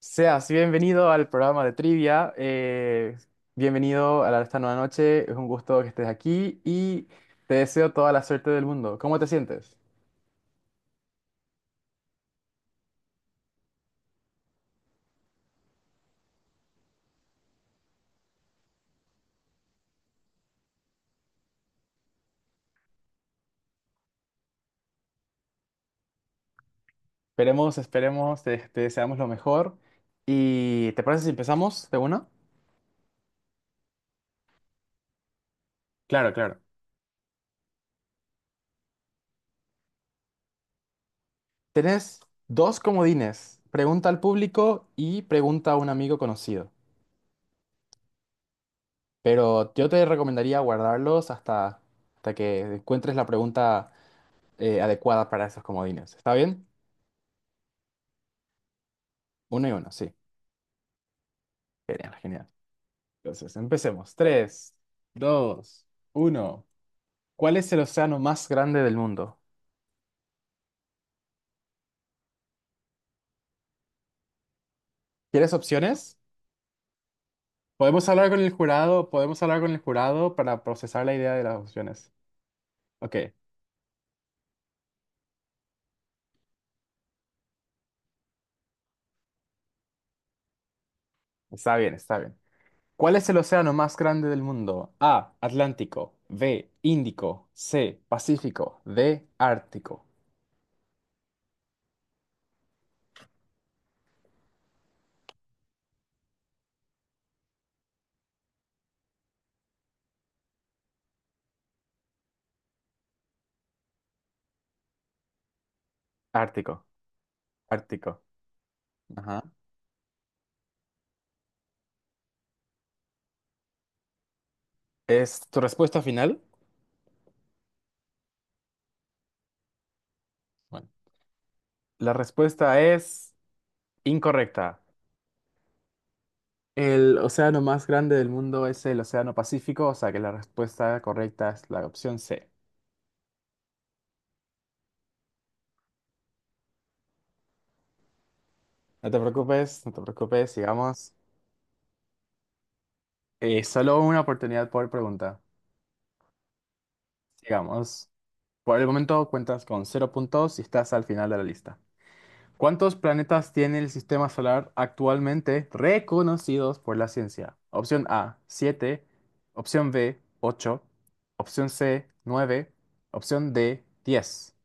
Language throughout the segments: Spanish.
Seas bienvenido al programa de trivia. Bienvenido a esta nueva noche. Es un gusto que estés aquí y te deseo toda la suerte del mundo. ¿Cómo te sientes? Esperemos, esperemos, te deseamos lo mejor. ¿Y te parece si empezamos de una? Claro, claro. Tenés dos comodines. Pregunta al público y pregunta a un amigo conocido. Pero yo te recomendaría guardarlos hasta que encuentres la pregunta adecuada para esos comodines. ¿Está bien? Uno y uno, sí. Genial, genial. Entonces, empecemos. Tres, dos, uno. ¿Cuál es el océano más grande del mundo? ¿Quieres opciones? Podemos hablar con el jurado para procesar la idea de las opciones. Ok, está bien, está bien. ¿Cuál es el océano más grande del mundo? A, Atlántico; B, Índico; C, Pacífico; D, Ártico. Ártico, Ártico. Ajá. ¿Es tu respuesta final? Bueno. La respuesta es incorrecta. El océano más grande del mundo es el Océano Pacífico, o sea que la respuesta correcta es la opción C. No te preocupes, no te preocupes, sigamos. Solo una oportunidad por pregunta. Sigamos. Por el momento cuentas con cero puntos y estás al final de la lista. ¿Cuántos planetas tiene el sistema solar actualmente reconocidos por la ciencia? Opción A, 7. Opción B, 8. Opción C, 9. Opción D, 10.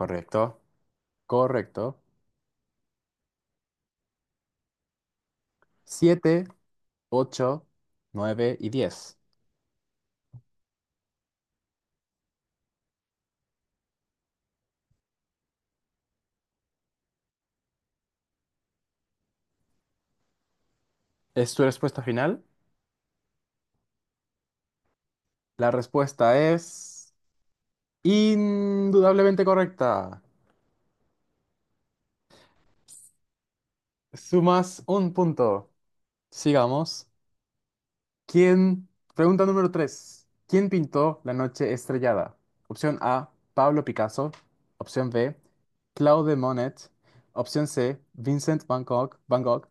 Correcto, correcto. Siete, 8, 9 y 10. ¿Es tu respuesta final? La respuesta es indudablemente correcta. Sumas un punto. Sigamos. ¿Quién? Pregunta número 3. ¿Quién pintó La noche estrellada? Opción A, Pablo Picasso. Opción B, Claude Monet. Opción C, Vincent Van Gogh. Van Gogh.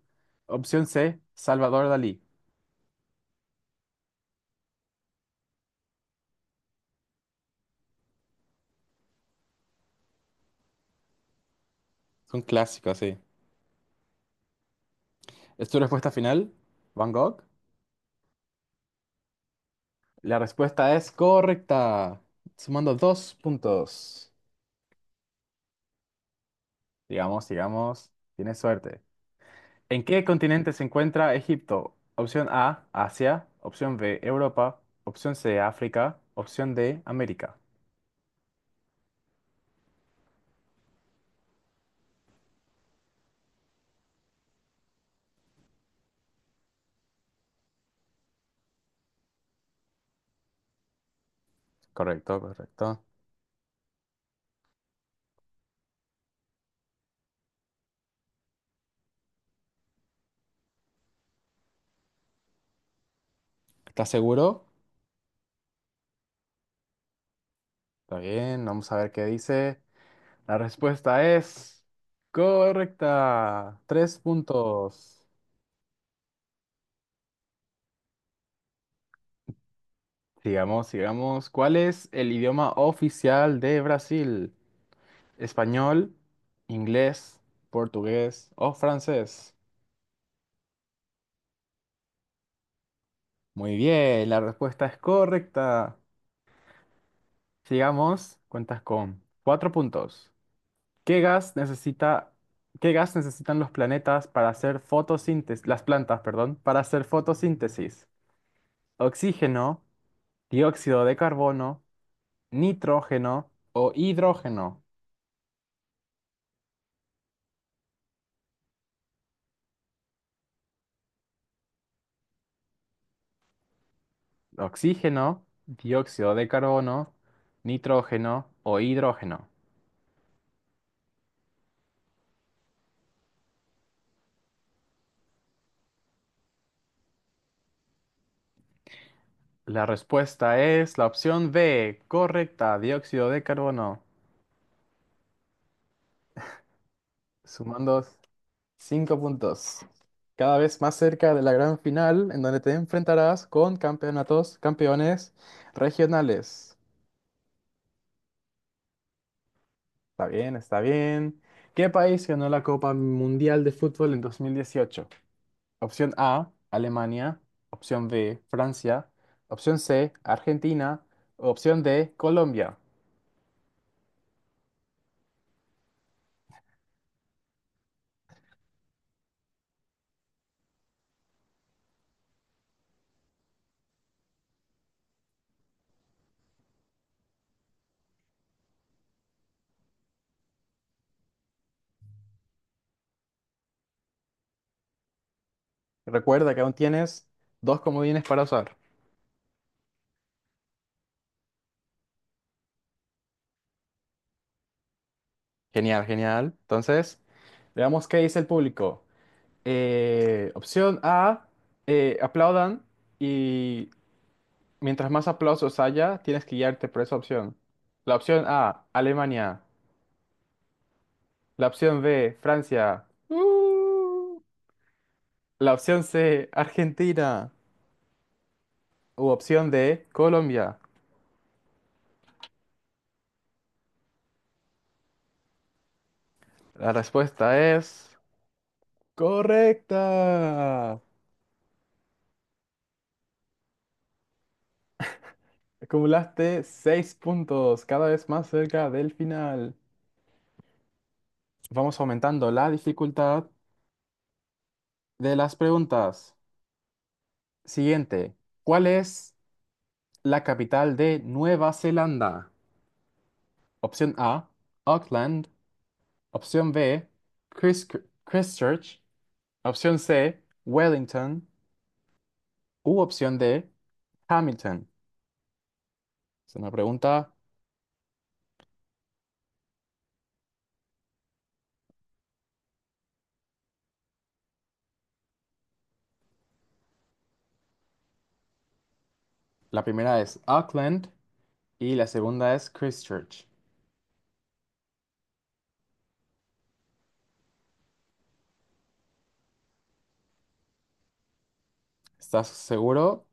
Opción C, Salvador Dalí. Es un clásico, sí. ¿Es tu respuesta final? ¿Van Gogh? La respuesta es correcta. Sumando dos puntos. Digamos, digamos, tienes suerte. ¿En qué continente se encuentra Egipto? Opción A, Asia. Opción B, Europa. Opción C, África. Opción D, América. Correcto, correcto. ¿Estás seguro? Está bien, vamos a ver qué dice. La respuesta es correcta. Tres puntos. Sigamos, sigamos. ¿Cuál es el idioma oficial de Brasil? ¿Español, inglés, portugués o francés? Muy bien, la respuesta es correcta. Sigamos, cuentas con cuatro puntos. ¿Qué gas necesita, ¿Qué gas necesitan los planetas para hacer fotosíntesis, las plantas, perdón, para hacer fotosíntesis? ¿Oxígeno, dióxido de carbono, nitrógeno o hidrógeno? Oxígeno, dióxido de carbono, nitrógeno o hidrógeno. La respuesta es la opción B, correcta, dióxido de carbono, sumando 5 puntos. Cada vez más cerca de la gran final, en donde te enfrentarás con campeonatos, campeones regionales. Está bien, está bien. ¿Qué país ganó la Copa Mundial de Fútbol en 2018? Opción A, Alemania. Opción B, Francia. Opción C, Argentina. Opción D, Colombia. Recuerda que aún tienes dos comodines para usar. Genial, genial. Entonces, veamos qué dice el público. Opción A, aplaudan y mientras más aplausos haya, tienes que guiarte por esa opción. La opción A, Alemania. La opción B, Francia. ¡Uh! La opción C, Argentina. U opción D, Colombia. La respuesta es correcta. Acumulaste seis puntos, cada vez más cerca del final. Vamos aumentando la dificultad de las preguntas. Siguiente. ¿Cuál es la capital de Nueva Zelanda? Opción A, Auckland. Opción B, Chris- Christchurch. Opción C, Wellington. U opción D, Hamilton. Es una pregunta. La primera es Auckland y la segunda es Christchurch. ¿Estás seguro?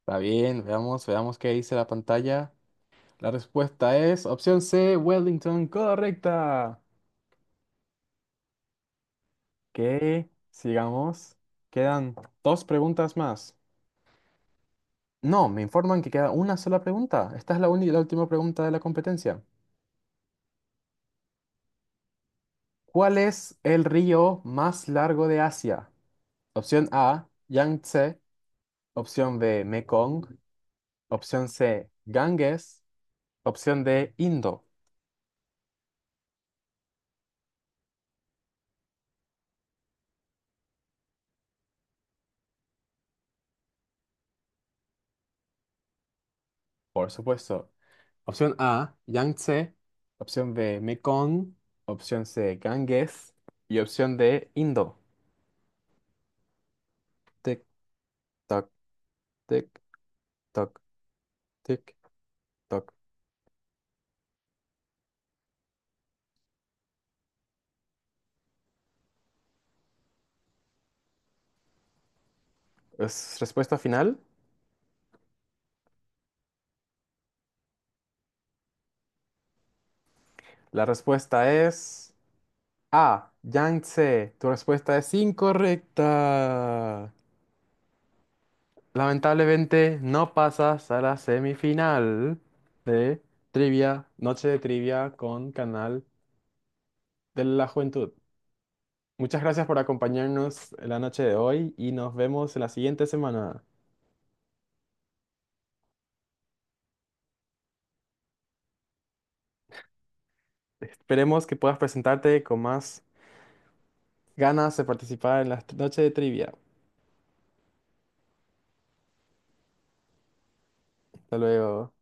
Está bien, veamos, veamos qué dice la pantalla. La respuesta es opción C, Wellington, correcta. Que sigamos. Quedan dos preguntas más. No, me informan que queda una sola pregunta. Esta es la única y la última pregunta de la competencia. ¿Cuál es el río más largo de Asia? Opción A, Yangtze. Opción B, Mekong. Opción C, Ganges. Opción D, Indo. Por supuesto. Opción A, Yangtze. Opción B, Mekong. Opción C, Ganges. Y opción D, Indo. Tic, toc, tic, toc, tic, toc. ¿Es respuesta final? La respuesta es A, Yangtze. Tu respuesta es incorrecta. Lamentablemente no pasas a la semifinal de Trivia, Noche de Trivia con Canal de la Juventud. Muchas gracias por acompañarnos en la noche de hoy y nos vemos en la siguiente semana. Esperemos que puedas presentarte con más ganas de participar en la noche de trivia. Hasta luego.